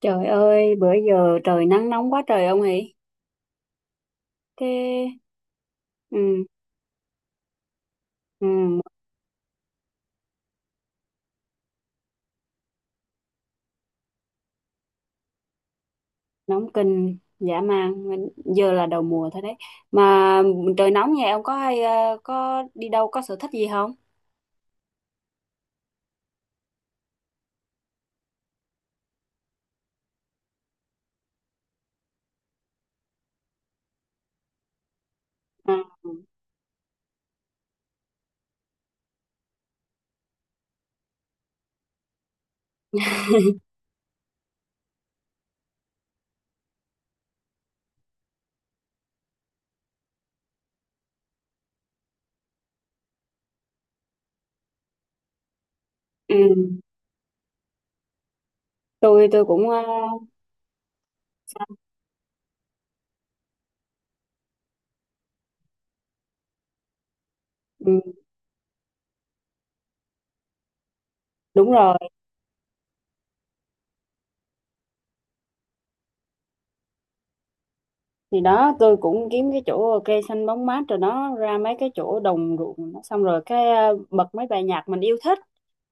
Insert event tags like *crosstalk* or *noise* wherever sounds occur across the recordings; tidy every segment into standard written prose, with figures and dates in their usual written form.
Trời ơi, bữa giờ trời nắng nóng quá trời ông ấy. Thế ừ, ừ, nóng kinh dã man. Giờ là đầu mùa thôi đấy. Mà trời nóng nhà ông có hay có đi đâu, có sở thích gì không? Ừ. Ừ. Tôi cũng ừ, đúng rồi. Thì đó tôi cũng kiếm cái chỗ cây xanh bóng mát rồi nó ra mấy cái chỗ đồng ruộng nó, xong rồi cái bật mấy bài nhạc mình yêu thích,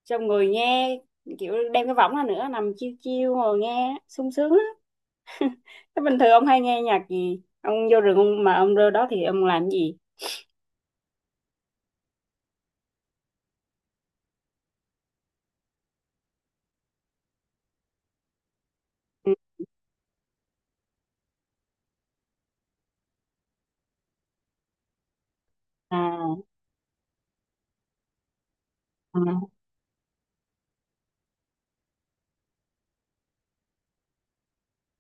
xong rồi nghe, kiểu đem cái võng ra nữa nằm chiêu chiêu ngồi nghe sung sướng. Thế bình thường ông hay nghe nhạc gì? Ông vô rừng ông mà ông rơi đó thì ông làm gì? Ừ. À, à,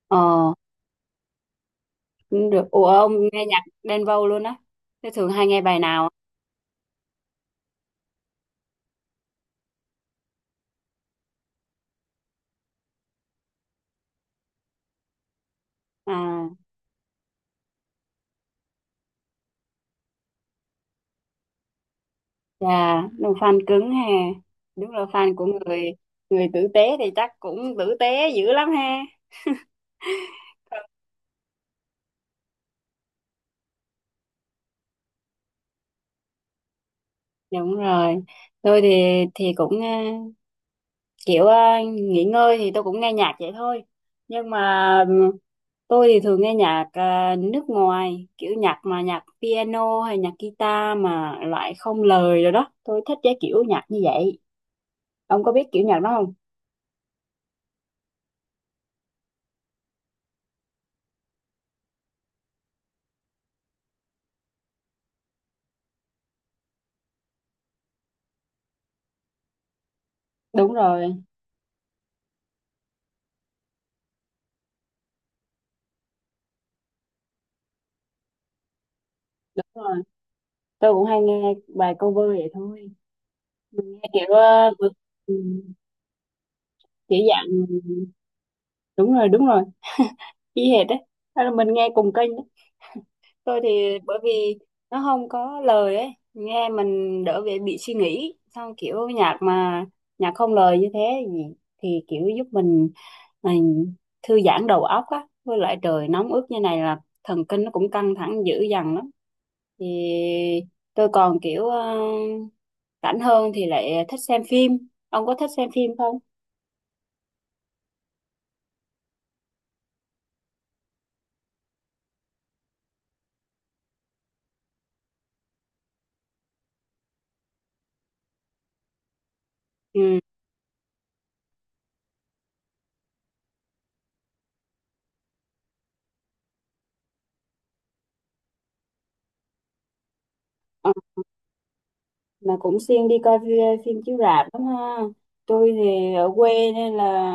ờ, cũng được. Ủa ông nghe nhạc Đen Vâu luôn á? Thế thường hay nghe bài nào? À, chà, đúng fan cứng ha. Đúng là fan của người, người tử tế thì chắc cũng tử tế dữ lắm ha. Đúng rồi. Tôi thì cũng kiểu nghỉ ngơi thì tôi cũng nghe nhạc vậy thôi. Nhưng mà tôi thì thường nghe nhạc à, nước ngoài, kiểu nhạc mà nhạc piano hay nhạc guitar mà loại không lời rồi đó. Tôi thích cái kiểu nhạc như vậy. Ông có biết kiểu nhạc đó không? Đúng rồi, đúng rồi. Tôi cũng hay nghe bài cover vậy thôi. Mình nghe kiểu ừ, kiểu dạng đúng rồi, y hệt đấy. Hay là mình nghe cùng kênh. Tôi thì bởi vì nó không có lời ấy, nghe mình đỡ bị suy nghĩ, xong kiểu nhạc mà nhạc không lời như thế thì, thì kiểu giúp mình thư giãn đầu óc á, với lại trời nóng ướt như này là thần kinh nó cũng căng thẳng dữ dằn lắm. Thì tôi còn kiểu rảnh hơn thì lại thích xem phim. Ông có thích xem phim không? Ừ. Mà cũng siêng đi coi phim, phim chiếu rạp lắm ha. Tôi thì ở quê nên là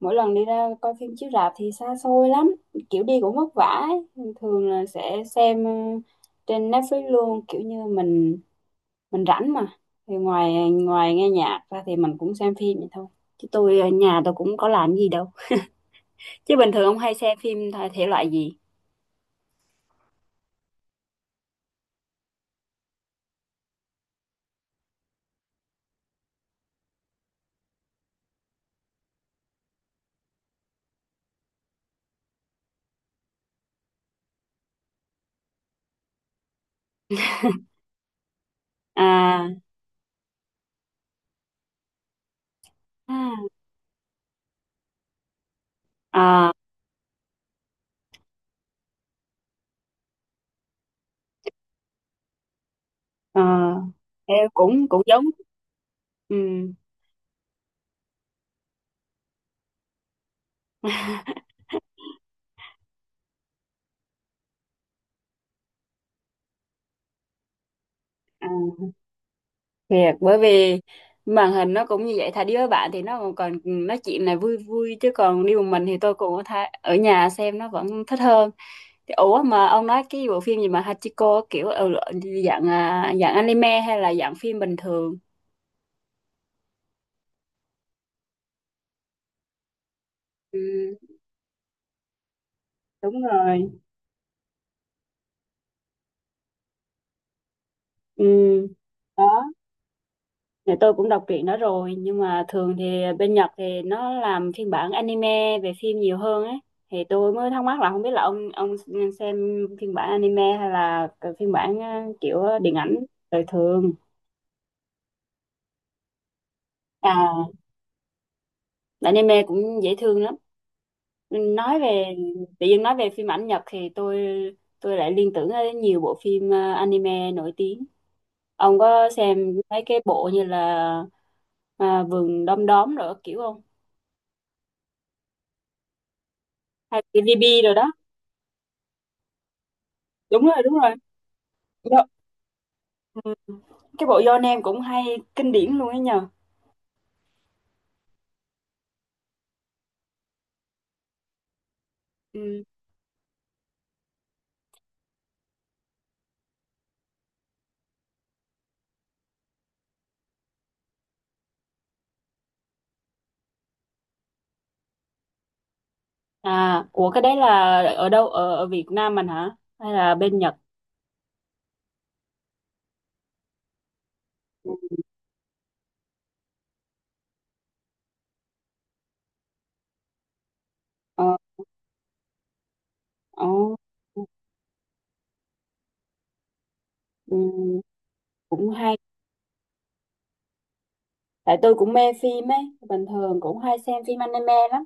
mỗi lần đi ra coi phim chiếu rạp thì xa xôi lắm, kiểu đi cũng vất vả ấy. Thường là sẽ xem ừ, trên Netflix luôn, kiểu như mình rảnh mà thì ngoài ngoài nghe nhạc ra thì mình cũng xem phim vậy thôi, chứ tôi ở nhà tôi cũng có làm gì đâu. Chứ bình thường ông hay xem phim thể thể loại gì? À, à, à, à. Em cũng cũng giống. Ừ. À. Thiệt, bởi vì màn hình nó cũng như vậy, thà đi với bạn thì nó còn còn nói chuyện này vui vui, chứ còn đi một mình thì tôi cũng tha, ở nhà xem nó vẫn thích hơn. Thì ủa mà ông nói cái bộ phim gì mà Hachiko, kiểu ừ, dạng à, dạng anime hay là dạng phim bình thường? Ừ, đúng rồi. Ừ. Đó. Này, tôi cũng đọc truyện đó rồi nhưng mà thường thì bên Nhật thì nó làm phiên bản anime về phim nhiều hơn ấy. Thì tôi mới thắc mắc là không biết là ông xem phiên bản anime hay là cái phiên bản kiểu điện ảnh đời thường. À, anime cũng dễ thương lắm. Nói về tự nhiên, nói về phim ảnh Nhật thì tôi lại liên tưởng đến nhiều bộ phim anime nổi tiếng. Ông có xem mấy cái bộ như là à, vườn đom đóm rồi kiểu không? Hay cái DB rồi đó. Đúng rồi, đúng rồi. Do, ừ, cái bộ Your Name cũng hay, kinh điển luôn ấy nhờ. Ừ. À, ủa cái đấy là ở đâu, ở, ở Việt Nam mình hả hay là bên Nhật? Ừ. Ờ, ờ, ừ, cũng hay. Tại tôi cũng mê phim ấy, bình thường cũng hay xem phim anime lắm.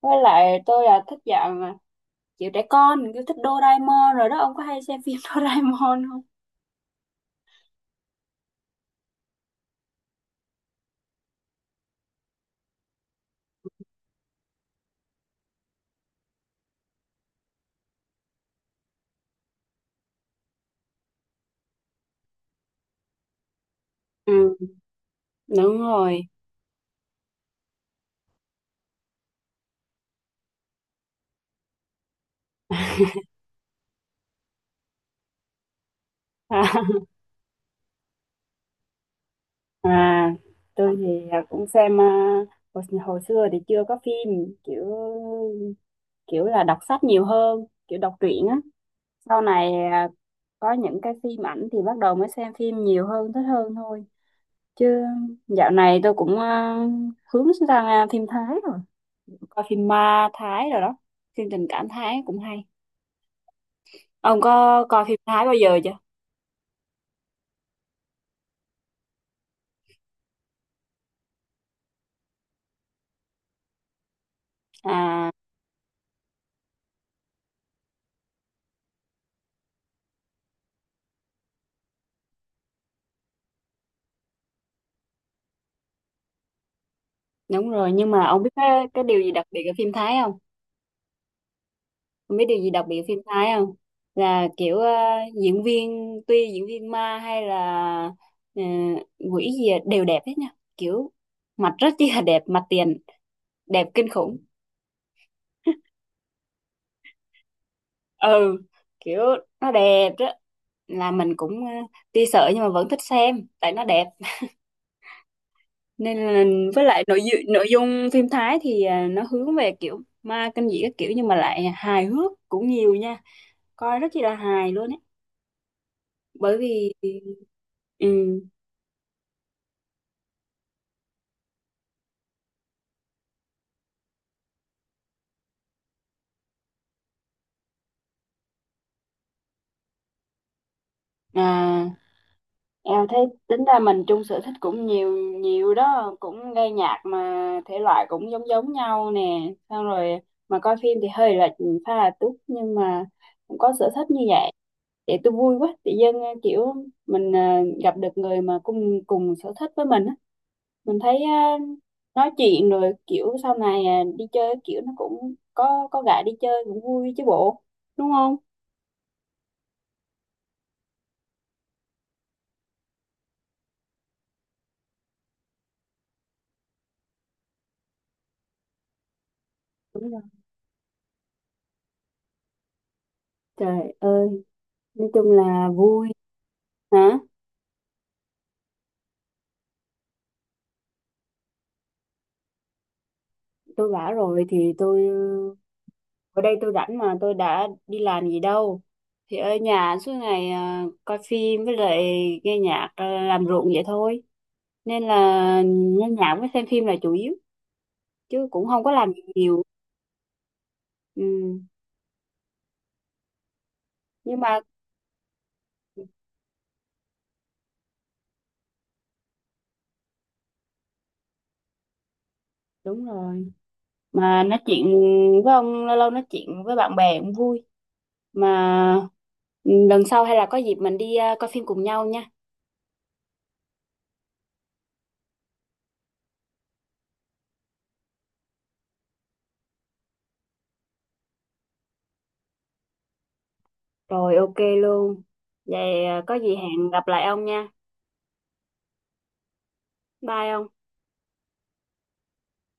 Với lại tôi là thích dạng kiểu trẻ con, kiểu thích Doraemon rồi đó. Ông có hay xem phim *laughs* Doraemon không? Ừ, đúng rồi. *laughs* À, tôi thì à, cũng xem à, hồi, hồi xưa thì chưa có phim kiểu, kiểu là đọc sách nhiều hơn, kiểu đọc truyện á. Sau này à, có những cái phim ảnh thì bắt đầu mới xem phim nhiều hơn, thích hơn thôi. Chứ dạo này tôi cũng à, hướng sang à, phim Thái rồi, coi phim ma Thái rồi đó, phim tình cảm Thái cũng hay. Ông có coi phim Thái bao giờ chưa? À, đúng rồi. Nhưng mà ông biết cái điều gì đặc biệt ở phim Thái không? Không biết điều gì đặc biệt phim Thái không? Là kiểu diễn viên, tuy diễn viên ma hay là ờ, quỷ gì à, đều đẹp hết nha. Kiểu mặt rất chi là đẹp, mặt tiền đẹp kinh khủng. Ừ, kiểu nó đẹp đó. Là mình cũng ờ, tuy sợ nhưng mà vẫn thích xem tại nó đẹp. Nên là với lại nội dung, nội dung phim Thái thì ờ, nó hướng về kiểu ma kinh dị các kiểu, nhưng mà lại hài hước cũng nhiều nha. Coi rất chi là hài luôn á. Bởi vì ừ à, em thấy tính ra mình chung sở thích cũng nhiều nhiều đó, cũng nghe nhạc mà thể loại cũng giống giống nhau nè, xong rồi mà coi phim thì hơi lệch pha là túc, nhưng mà cũng có sở thích như vậy. Để tôi vui quá, tự dưng ờ, kiểu mình à, gặp được người mà cùng cùng sở thích với mình á, mình thấy à, nói chuyện rồi kiểu sau này à, đi chơi kiểu nó cũng có gã đi chơi cũng vui chứ bộ, đúng không? Trời ơi, nói chung là vui. Hả? Tôi bảo rồi thì tôi ở đây tôi rảnh mà tôi đã đi làm gì đâu. Thì ở nhà suốt ngày à, coi phim với lại nghe nhạc à, làm ruộng vậy thôi. Nên là nghe nhạc với xem phim là chủ yếu, chứ cũng không có làm gì nhiều. Ừ. Nhưng mà đúng rồi. Mà nói chuyện với ông, lâu lâu nói chuyện với bạn bè cũng vui. Mà ừ, lần sau hay là có dịp mình đi à, coi phim cùng nhau nha. Rồi ok luôn. Vậy à, có gì hẹn gặp lại ông nha. Bye ông.